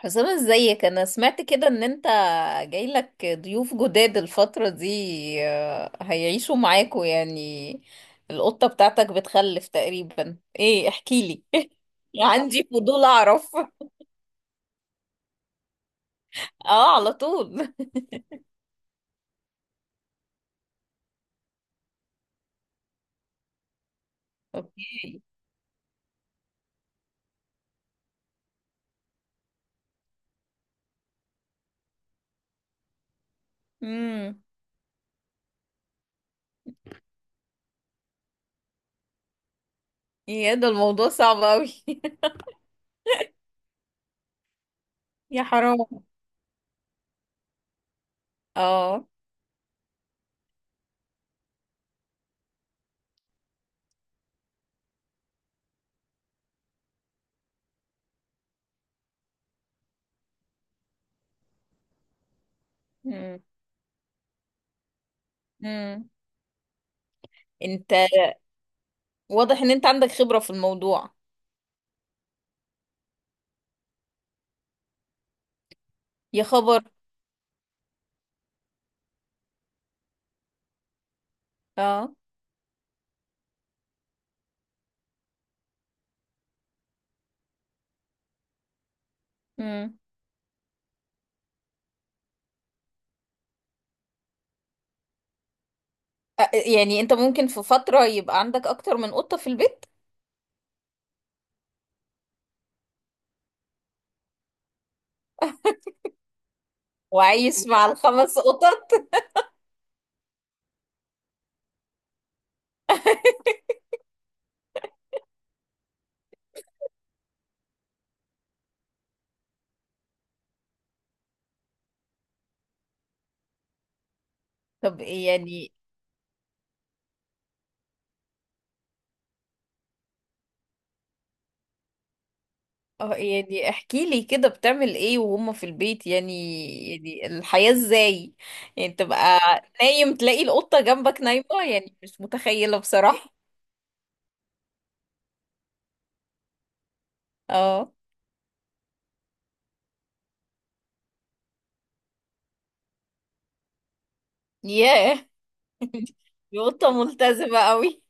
حسام ازيك؟ انا سمعت كده ان انت جايلك ضيوف جداد الفترة دي. هيعيشوا معاكوا يعني؟ القطة بتاعتك بتخلف تقريبا ايه؟ احكيلي. عندي فضول اعرف. اه، على طول. اوكي. امم يا ده الموضوع صعب قوي. يا حرام. اه. امم امم انت واضح ان انت عندك خبرة في الموضوع. يا خبر. اه. يعني انت ممكن في فترة يبقى عندك اكتر من قطة في البيت؟ وعايش مع الخمس قطط؟ طب إيه يعني؟ اه، يعني احكي لي كده بتعمل ايه وهم في البيت يعني؟ يعني الحياة ازاي؟ يعني تبقى نايم تلاقي القطة جنبك نايمة؟ يعني مش متخيلة بصراحة. اه. ياه. دي قطة ملتزمة قوي.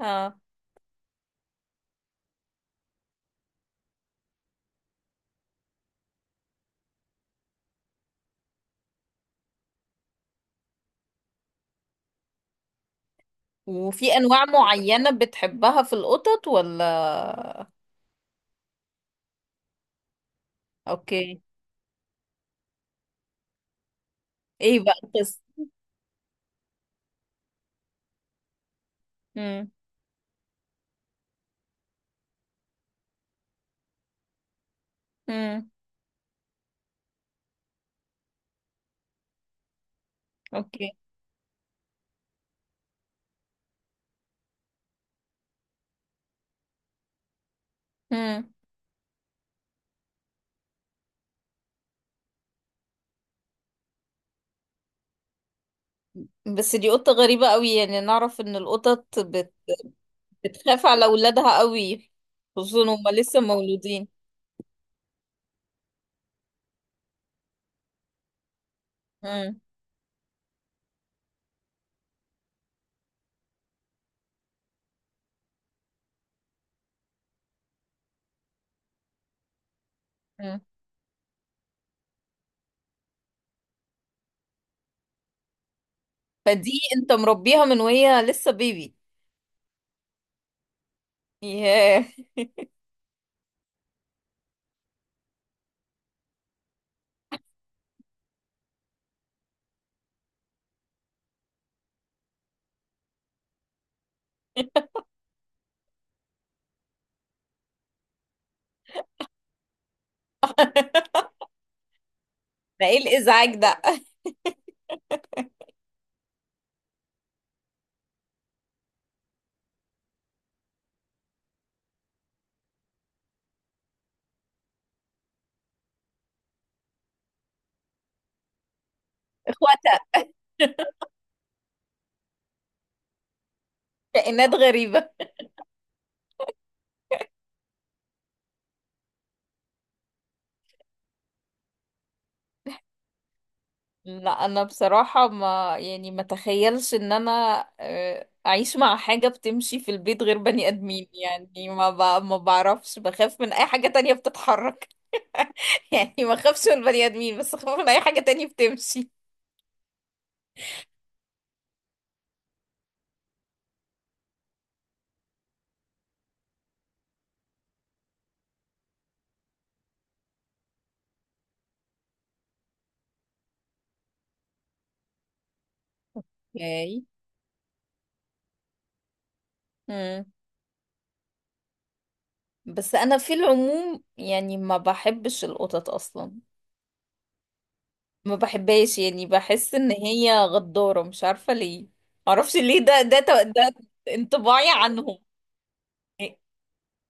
اه. وفي انواع معينة بتحبها في القطط ولا؟ اوكي. ايه بقى القصة؟ امم امم اوكي. بس دي قطة غريبة قوي، يعني نعرف ان بتخاف على اولادها قوي، خصوصا هما لسه مولودين. مم. مم. فدي انت مربيها من وهي لسه بيبي؟ ياه. ده ايه الازعاج ده؟ اخواتها. كائنات غريبة. لا انا بصراحة ما تخيلش ان انا اعيش مع حاجة بتمشي في البيت غير بني ادمين، يعني ما بعرفش، بخاف من اي حاجة تانية بتتحرك. يعني ما اخافش من البني ادمين، بس اخاف من اي حاجة تانية بتمشي. اوكي. امم. بس انا في العموم يعني ما بحبش القطط اصلا. ما بحبهاش، يعني بحس ان هي غدارة، مش عارفة ليه. معرفش ليه، ده انطباعي عنهم.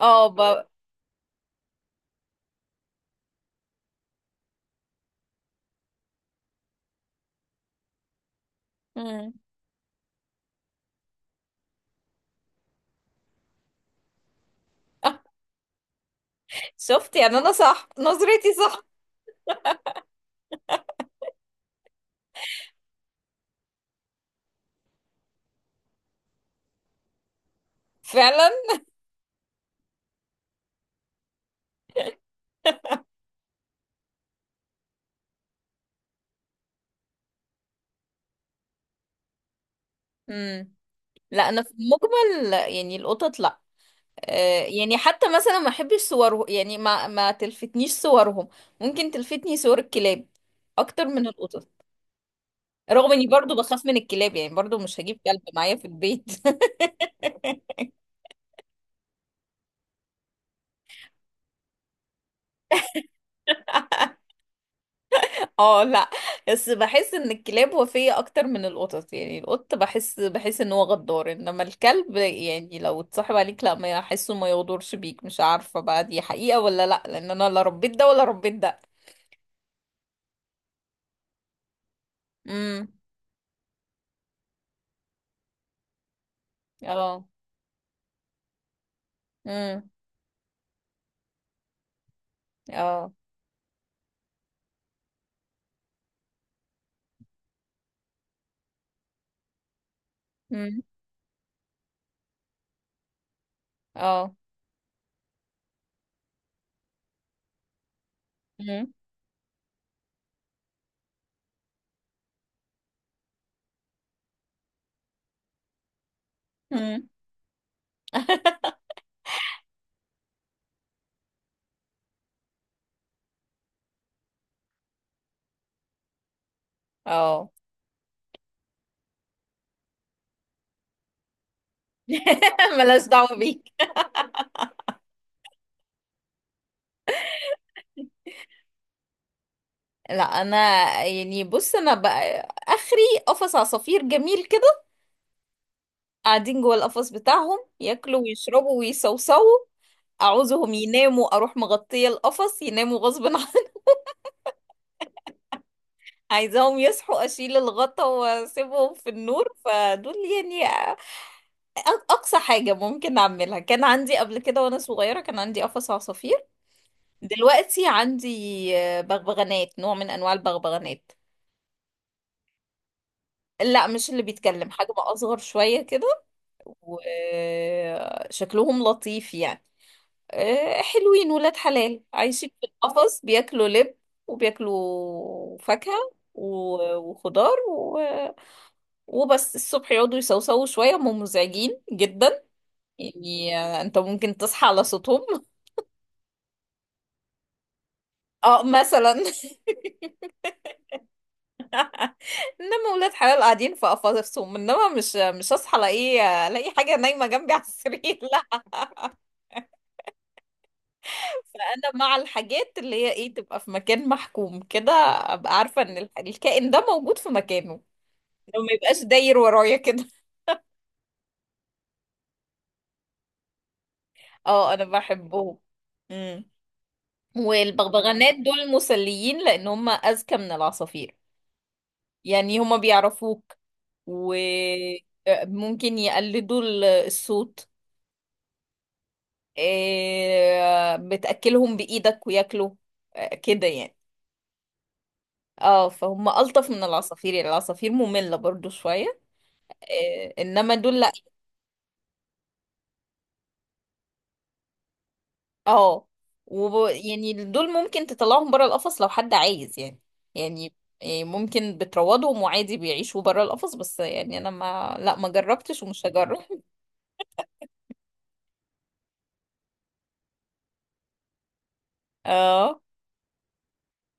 اه ب... مم. شفت؟ يعني انا صح، نظرتي صح. فعلا. امم. لا انا في المجمل يعني القطط لا. آه، يعني حتى مثلا ما احبش صورهم، يعني ما تلفتنيش صورهم. ممكن تلفتني صور الكلاب اكتر من القطط. رغم اني برضو بخاف من الكلاب، يعني برضو مش هجيب كلب معايا في البيت. اه، لا. بس بحس ان الكلاب وفية اكتر من القطط. يعني القط بحس ان هو غدار، انما الكلب يعني لو اتصاحب عليك لا ما احسه، ما يغدرش بيك. مش عارفة بقى دي حقيقة ولا لا، لان انا لا ربيت ده ولا ربيت ده. امم. اه. امم. اه. امم. اه. امم. امم. اه. ملاش دعوة بيك. لا انا يعني بص، انا بقى اخري قفص عصافير جميل كده. قاعدين جوه القفص بتاعهم ياكلوا ويشربوا ويصوصوا. اعوزهم يناموا اروح مغطيه القفص يناموا غصب عني. عايزاهم يصحوا اشيل الغطا واسيبهم في النور. فدول يعني اقصى حاجه ممكن اعملها. كان عندي قبل كده وانا صغيره كان عندي قفص عصافير. دلوقتي عندي بغبغانات، نوع من انواع البغبغانات. لا مش اللي بيتكلم، حجم اصغر شويه كده. وشكلهم لطيف يعني، حلوين، ولاد حلال عايشين في القفص، بياكلوا لب وبياكلوا فاكهة وخضار وبس الصبح يقعدوا يسوسوا شوية، هم مزعجين جدا. يعني انت ممكن تصحى على صوتهم. اه مثلا. انما ولاد حلال قاعدين في قفصهم، انما مش هصحى الاقي حاجة نايمة جنبي على السرير، لا. فانا مع الحاجات اللي هي ايه، تبقى في مكان محكوم كده. ابقى عارفه ان الكائن ده موجود في مكانه. لو ما يبقاش داير ورايا كده. اه، انا بحبهم. امم. والبغبغانات دول مسليين لان هم اذكى من العصافير. يعني هم بيعرفوك، وممكن يقلدوا الصوت. آه، بتاكلهم بايدك وياكلوا، آه، كده يعني. اه، فهم الطف من العصافير. يعني العصافير ممله برضو شويه. إيه، انما دول اه يعني دول ممكن تطلعهم بره القفص لو حد عايز يعني. يعني إيه، ممكن بتروضهم وعادي بيعيشوا بره القفص، بس يعني انا ما لا ما جربتش ومش هجرب. اه،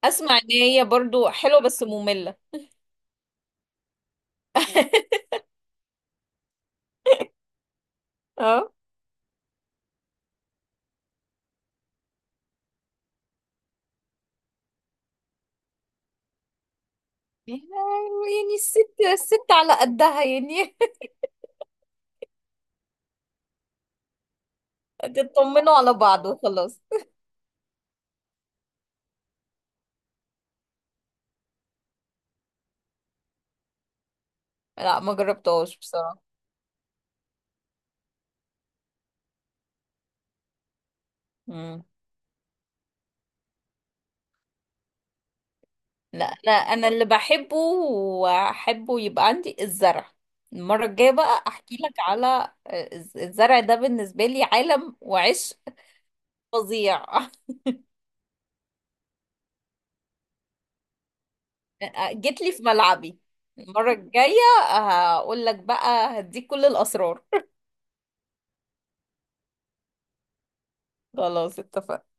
اسمع ان هي برضو حلوه بس ممله. اه، يعني الست على قدها يعني. تطمنوا على بعض وخلاص. لا ما جربتهاش بصراحه. مم. لا انا اللي بحبه واحبه يبقى عندي الزرع. المرة الجاية بقى احكي لك على الزرع. ده بالنسبة لي عالم وعشق فظيع. جيت لي في ملعبي. المرة الجاية هقول لك بقى، هديك كل الأسرار. خلاص اتفقنا.